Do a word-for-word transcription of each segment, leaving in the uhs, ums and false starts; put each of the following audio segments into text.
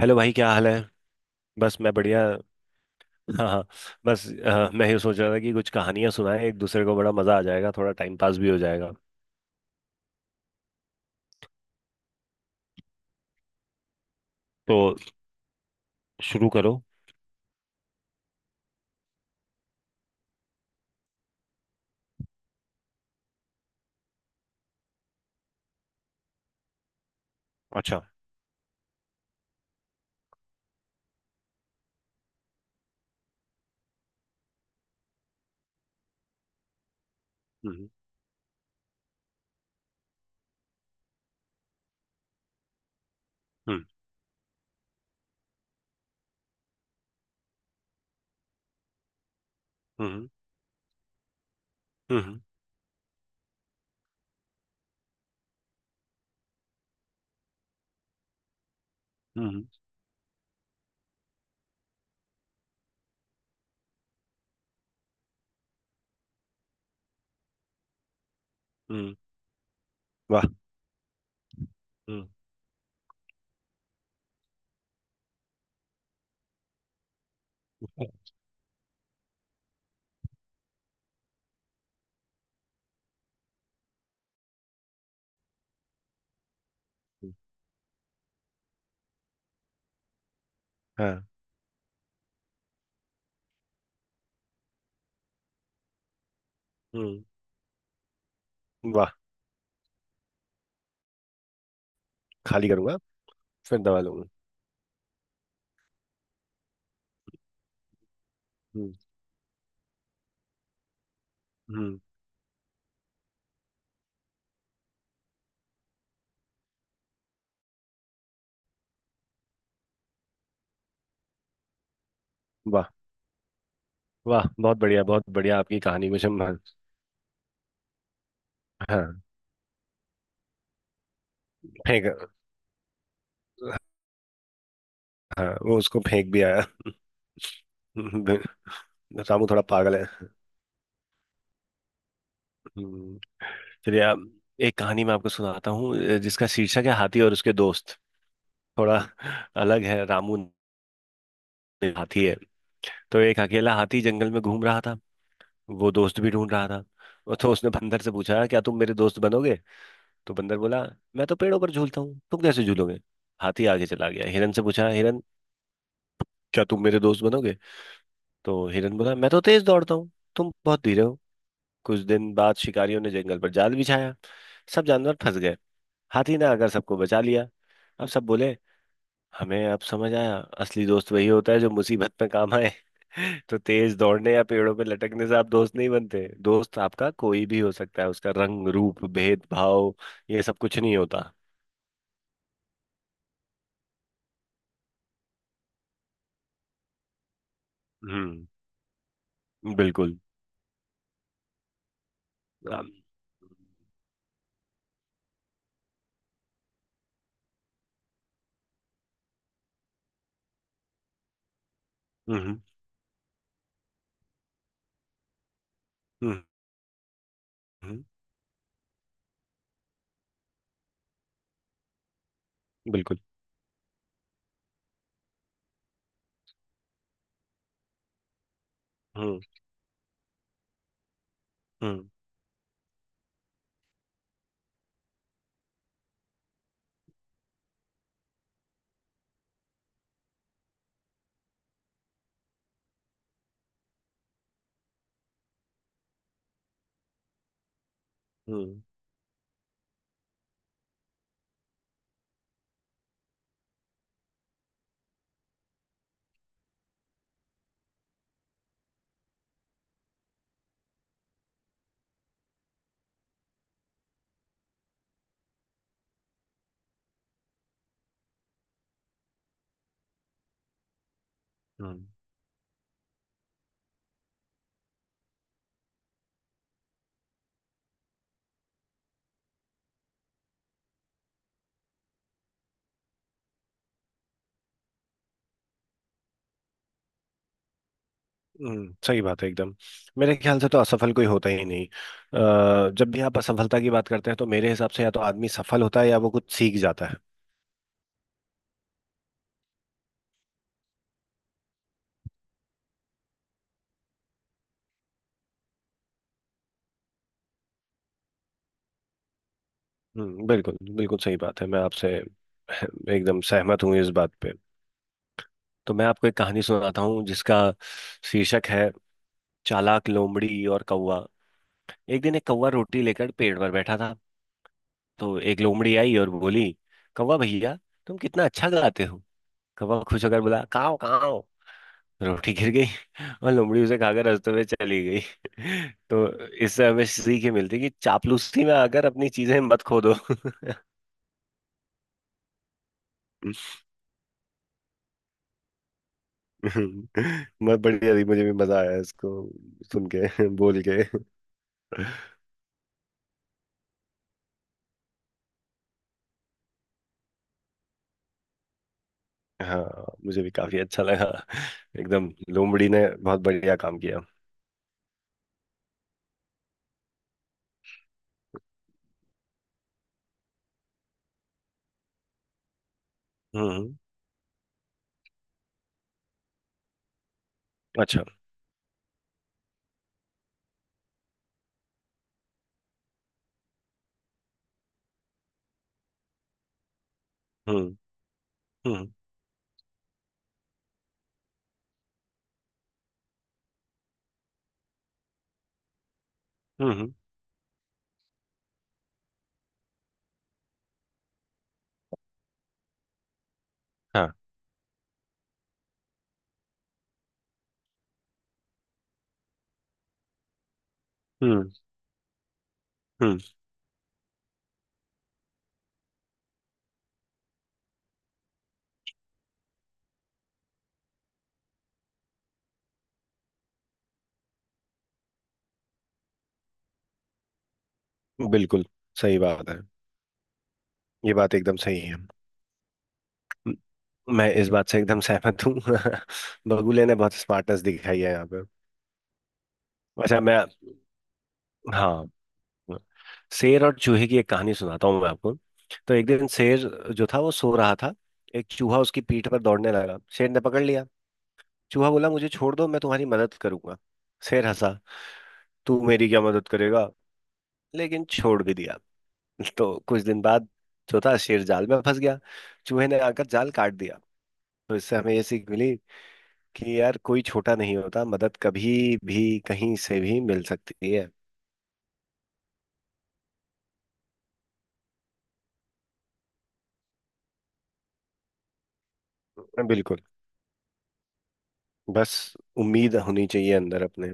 Hello भाई क्या हाल है। बस मैं बढ़िया। हाँ हाँ। बस अ, मैं ये सोच रहा था कि कुछ कहानियां सुनाएं एक दूसरे को, बड़ा मजा आ जाएगा, थोड़ा टाइम पास भी हो जाएगा। तो शुरू करो। अच्छा। हम्म। हम्म। हम्म। हम्म। हम्म। हम्म। वाह। हम्म। हम्म, हाँ। हम्म। वाह। खाली करूंगा। फिर दवा लूंगा। हम्म। हम्म। वाह। वाह, बहुत बढ़िया बहुत बढ़िया आपकी कहानी। मुझे म- हाँ। फेंक। हाँ, वो उसको फेंक भी आया रामू थोड़ा पागल है। चलिए आप। एक कहानी मैं आपको सुनाता हूँ, अ, जिसका शीर्षक है हाथी और उसके दोस्त। थोड़ा अलग है। रामू नाम का हाथी है। तो एक अकेला हाथी जंगल में घूम रहा था। वो दोस्त भी ढूंढ रहा था। और तो उसने बंदर से पूछा, क्या तुम मेरे दोस्त बनोगे। तो बंदर बोला, मैं तो पेड़ों पर झूलता हूँ, तुम कैसे झूलोगे। हाथी आगे चला गया, हिरन से पूछा, हिरन क्या तुम मेरे दोस्त बनोगे। तो हिरन बोला, मैं तो तेज दौड़ता हूँ, तुम बहुत धीरे हो। कुछ दिन बाद शिकारियों ने जंगल पर जाल बिछाया। सब जानवर फंस गए। हाथी ने आकर सबको बचा लिया। अब सब बोले, हमें अब समझ आया असली दोस्त वही होता है जो मुसीबत में काम आए। तो तेज दौड़ने या पेड़ों पे लटकने से आप दोस्त नहीं बनते। दोस्त आपका कोई भी हो सकता है, उसका रंग रूप भेदभाव ये सब कुछ नहीं होता। हम्म। बिल्कुल। अम, हम्म। हम्म। हम्म, हम्म, बिल्कुल। हम्म। हम्म। हम्म। हम्म। हम्म, सही बात है एकदम। मेरे ख्याल से तो असफल कोई होता ही नहीं। अ, जब भी आप असफलता की बात करते हैं तो मेरे हिसाब से या तो आदमी सफल होता है या वो कुछ सीख जाता है। हम्म, बिल्कुल बिल्कुल सही बात है। मैं आपसे एकदम सहमत हूँ इस बात पे। तो मैं आपको एक कहानी सुनाता हूँ जिसका शीर्षक है चालाक लोमड़ी और कौवा। एक दिन एक कौवा रोटी लेकर पेड़ पर बैठा था। तो एक लोमड़ी आई और बोली, कौवा भैया तुम कितना अच्छा गाते हो। कौवा खुश होकर बोला, काव काव। रोटी गिर गई। और लोमड़ी उसे खाकर हंसते हुए चली गई। तो इससे हमें सीख ये मिलती है कि चापलूसी में आकर अपनी चीजें मत खो दो। हम्म, बहुत बढ़िया थी, मुझे भी मजा आया इसको सुन के बोल के। हाँ, मुझे भी काफी अच्छा लगा एकदम। लोमड़ी ने बहुत बढ़िया काम किया। हम्म। अच्छा। हम्म। हम्म। हम्म। हम्म, हाँ। हम्म। हम्म। बिल्कुल सही बात है। ये बात एकदम सही है। म- मैं इस बात से एकदम सहमत हूँ। बगुले ने बहुत स्मार्टनेस दिखाई है यहाँ पे। अच्छा मैं। हाँ। शेर और चूहे की एक कहानी सुनाता हूँ मैं आपको। तो एक दिन शेर जो था वो सो रहा था। एक चूहा उसकी पीठ पर दौड़ने लगा, शेर ने पकड़ लिया। चूहा बोला, मुझे छोड़ दो, मैं तुम्हारी मदद करूंगा। शेर हंसा, तू मेरी क्या मदद करेगा। लेकिन छोड़ भी दिया। तो कुछ दिन बाद जो था, शेर जाल में फंस गया। चूहे ने आकर जाल काट दिया। तो इससे हमें ये सीख मिली कि यार कोई छोटा नहीं होता, मदद कभी भी कहीं से भी मिल सकती है। बिल्कुल। बस उम्मीद होनी चाहिए अंदर अपने।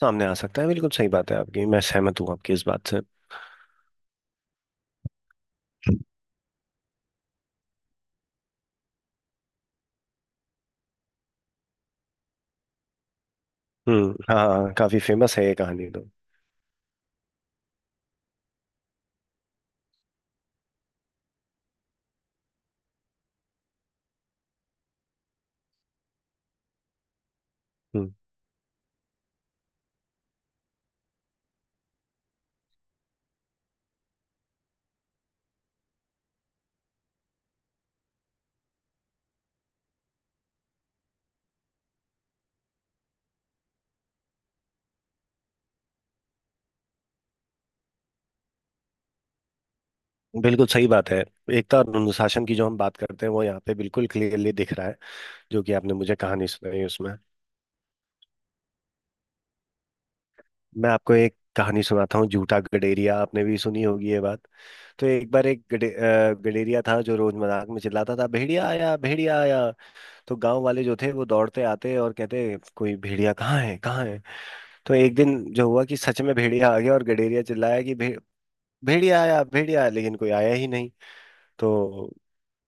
सामने आ सकता है, बिल्कुल सही बात है आपकी। मैं सहमत हूँ आपकी इस बात से। हम्म। हाँ हाँ, काफी फेमस है ये कहानी तो। हम्म। बिल्कुल सही बात है। एकता और अनुशासन की जो हम बात करते हैं वो यहाँ पे बिल्कुल क्लियरली दिख रहा है, जो कि आपने मुझे कहानी सुनाई उसमें। मैं आपको एक कहानी सुनाता हूँ, झूठा गडेरिया। आपने भी सुनी होगी ये बात। तो एक बार एक गडे, अ, गडेरिया था जो रोज मजाक में चिल्लाता था, भेड़िया आया भेड़िया आया। तो गांव वाले जो थे वो दौड़ते आते और कहते, कोई भेड़िया कहाँ है कहाँ है। तो एक दिन जो हुआ कि सच में भेड़िया आ गया और गडेरिया चिल्लाया कि भे, भेड़िया आया भेड़िया आया, लेकिन कोई आया ही नहीं। तो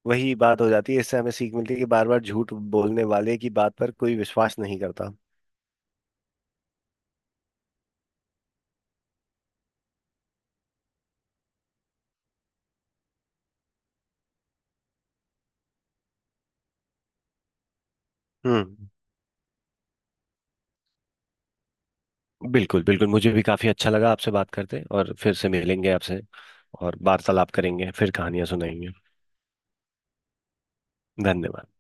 वही बात हो जाती है। इससे हमें सीख मिलती है कि बार बार झूठ बोलने वाले की बात पर कोई विश्वास नहीं करता। हम्म। बिल्कुल बिल्कुल, मुझे भी काफी अच्छा लगा आपसे बात करते। और फिर से मिलेंगे आपसे और वार्तालाप करेंगे, फिर कहानियां सुनाएंगे। धन्यवाद।